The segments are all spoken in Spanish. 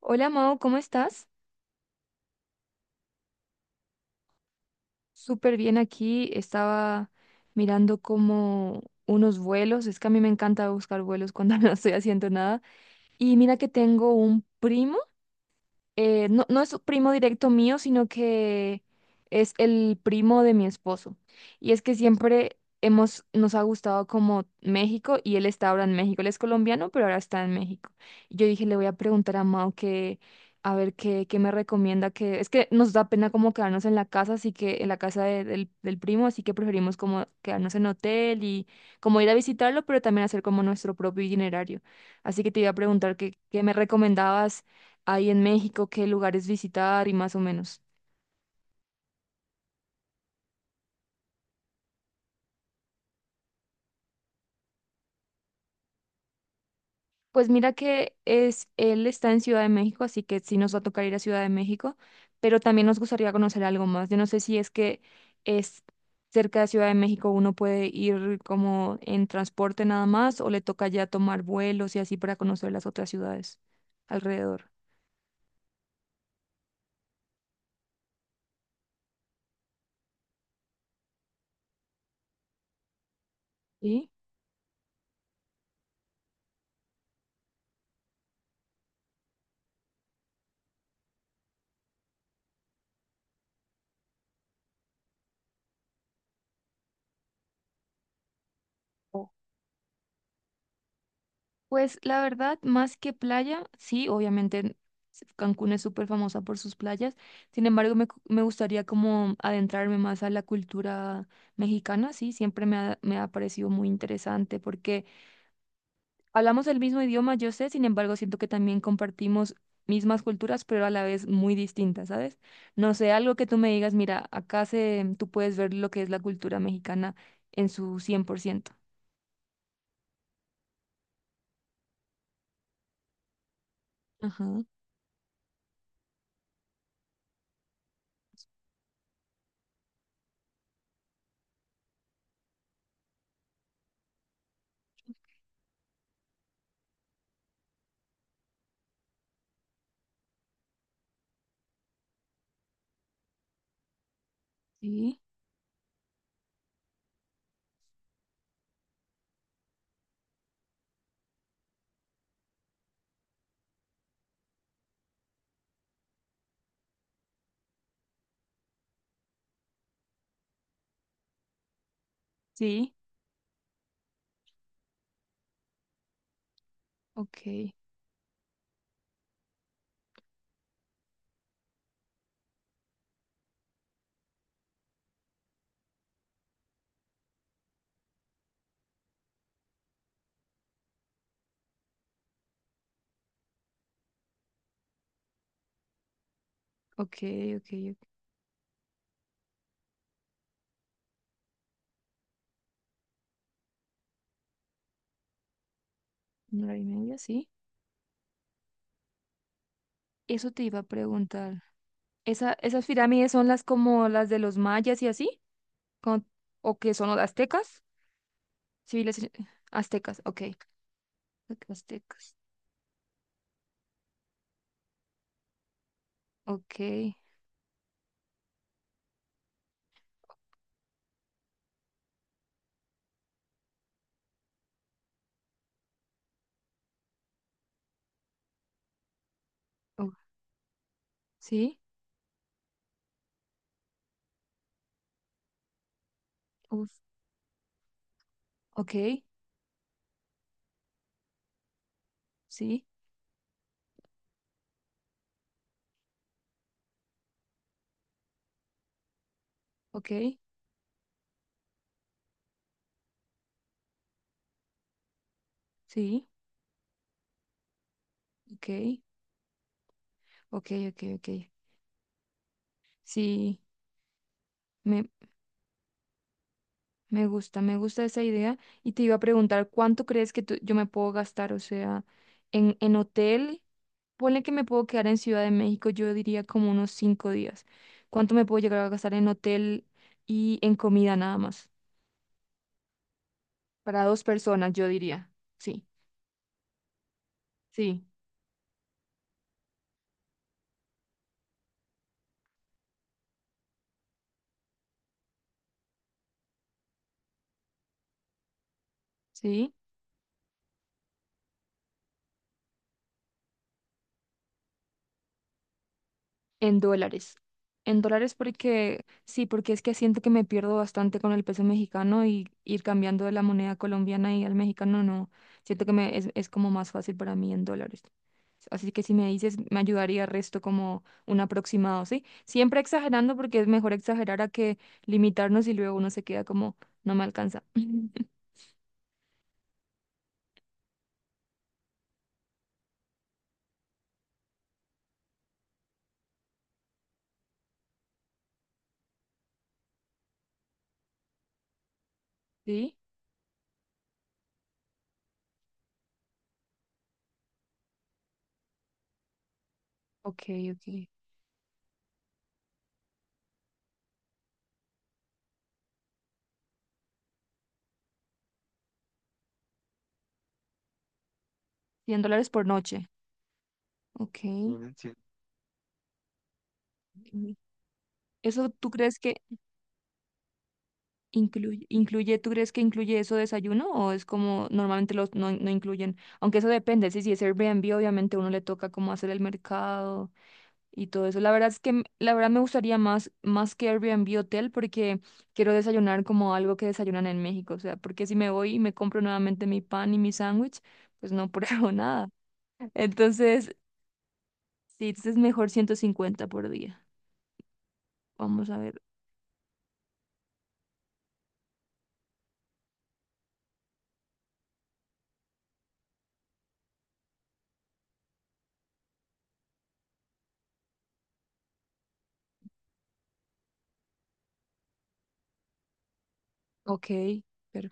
Hola Mao, ¿cómo estás? Súper bien aquí. Estaba mirando como unos vuelos. Es que a mí me encanta buscar vuelos cuando no estoy haciendo nada. Y mira que tengo un primo. No, no es primo directo mío, sino que es el primo de mi esposo. Y es que siempre nos ha gustado como México y él está ahora en México. Él es colombiano, pero ahora está en México. Y yo dije, le voy a preguntar a Mao que, a ver qué me recomienda, que es que nos da pena como quedarnos en la casa, así que en la casa del primo, así que preferimos como quedarnos en hotel y como ir a visitarlo, pero también hacer como nuestro propio itinerario. Así que te iba a preguntar que, qué me recomendabas hay en México, qué lugares visitar y más o menos. Pues mira que él está en Ciudad de México, así que sí nos va a tocar ir a Ciudad de México, pero también nos gustaría conocer algo más. Yo no sé si es que es cerca de Ciudad de México, uno puede ir como en transporte nada más o le toca ya tomar vuelos y así para conocer las otras ciudades alrededor. ¿Sí? Pues la verdad, más que playa, sí, obviamente Cancún es súper famosa por sus playas. Sin embargo, me gustaría como adentrarme más a la cultura mexicana, sí, siempre me ha parecido muy interesante porque hablamos el mismo idioma, yo sé, sin embargo, siento que también compartimos mismas culturas, pero a la vez muy distintas, ¿sabes? No sé, algo que tú me digas, mira, tú puedes ver lo que es la cultura mexicana en su 100%. Ajá. Sí, sí, ok. Ok, ok, ok. Una hora y media, sí. Eso te iba a preguntar. ¿Esa, esas pirámides son las como las de los mayas y así? Con- ¿O que son los aztecas? Civiles aztecas, ok. Aztecas, ok. Oh, sí, uf, ok, sí, ok, sí, ok, ok, ok, ok. Sí, me, me gusta, me gusta esa idea. Y te iba a preguntar, ¿cuánto crees que yo me puedo gastar? O sea, en hotel, ponle que me puedo quedar en Ciudad de México, yo diría como unos 5 días. ¿Cuánto me puedo llegar a gastar en hotel y en comida nada más? Para dos personas, yo diría. Sí, sí, sí. En dólares. En dólares porque sí, porque es que siento que me pierdo bastante con el peso mexicano y ir cambiando de la moneda colombiana y al mexicano no. Siento que es como más fácil para mí en dólares. Así que si me dices, me ayudaría el resto como un aproximado, ¿sí? Siempre exagerando porque es mejor exagerar a que limitarnos y luego uno se queda como, no me alcanza. ¿Sí? Ok, ok. 100 dólares por noche. Ok. Ujú. Mm. ¿Eso tú crees que Incluye, incluye, ¿tú crees que incluye eso desayuno o es como normalmente los no, no incluyen? Aunque eso depende, si es Airbnb, obviamente uno le toca como hacer el mercado y todo eso. La verdad me gustaría más que Airbnb hotel porque quiero desayunar como algo que desayunan en México. O sea, porque si me voy y me compro nuevamente mi pan y mi sándwich, pues no pruebo nada. Entonces, sí, es mejor 150 por día. Vamos a ver. Ok, pero,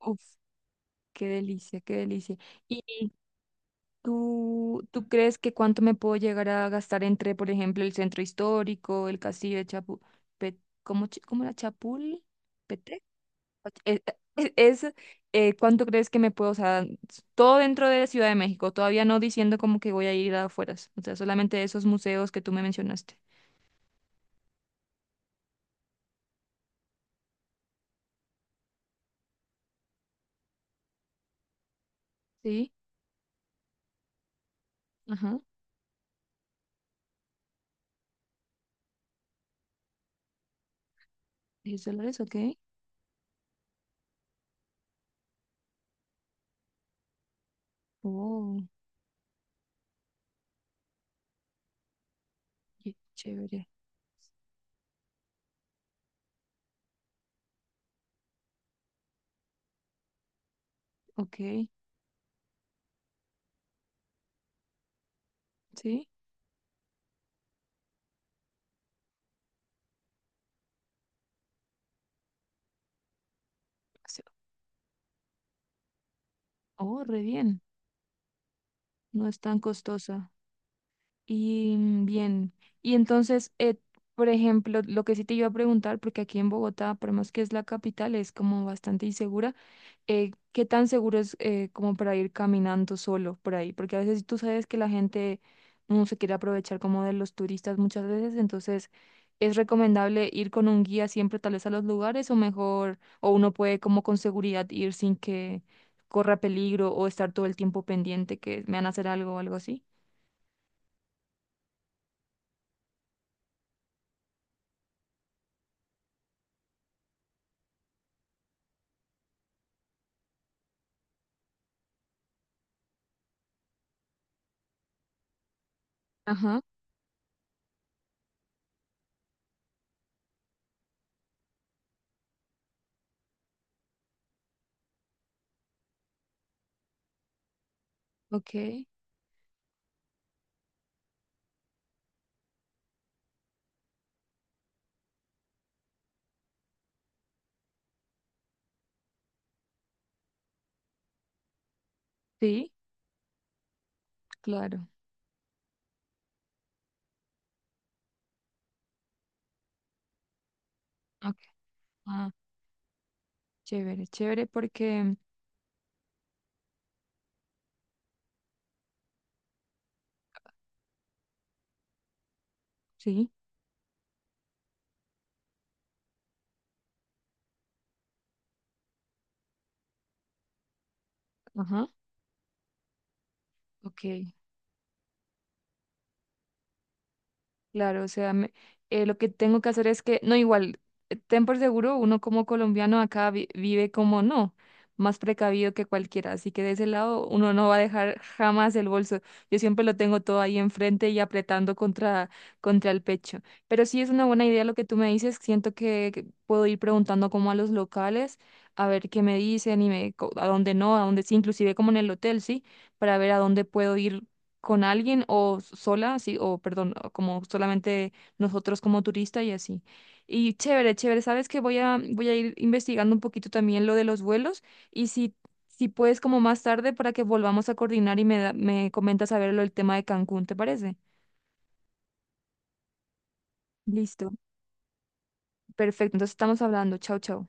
uf, qué delicia, qué delicia. ¿Tú crees que cuánto me puedo llegar a gastar entre, por ejemplo, el centro histórico, el castillo de. ¿Cómo era Chapul? ¿Petec? Eh, eh, Es, ¿Cuánto crees que me puedo, o sea, todo dentro de Ciudad de México, todavía no diciendo como que voy a ir afuera, o sea, solamente esos museos que tú me mencionaste. Sí, ajá, $10, ok. Oh, qué chévere, ok, sí. se- Oh, re bien, no es tan costosa. Y bien, y entonces, por ejemplo, lo que sí te iba a preguntar, porque aquí en Bogotá, por más que es la capital, es como bastante insegura, ¿qué tan seguro es como para ir caminando solo por ahí? Porque a veces tú sabes que la gente no se quiere aprovechar como de los turistas muchas veces, entonces es recomendable ir con un guía siempre tal vez a los lugares o mejor, o uno puede como con seguridad ir sin que corra peligro o estar todo el tiempo pendiente que me van a hacer algo o algo así. Ajá, ok. Sí, claro. Ok. Ah, chévere, chévere porque sí, ajá, ok. Claro, o sea, lo que tengo que hacer es que, no, igual, ten por seguro, uno como colombiano acá vive como no, más precavido que cualquiera, así que de ese lado uno no va a dejar jamás el bolso. Yo siempre lo tengo todo ahí enfrente y apretando contra el pecho. Pero sí es una buena idea lo que tú me dices, siento que puedo ir preguntando como a los locales, a ver qué me dicen y a dónde no, a dónde sí, inclusive como en el hotel, ¿sí? Para ver a dónde puedo ir con alguien o sola, así, o perdón, o como solamente nosotros como turista y así. Y chévere, chévere, sabes que voy a ir investigando un poquito también lo de los vuelos y si puedes como más tarde para que volvamos a coordinar y me comentas a ver lo del tema de Cancún, ¿te parece? Listo, perfecto, entonces estamos hablando, chao, chao.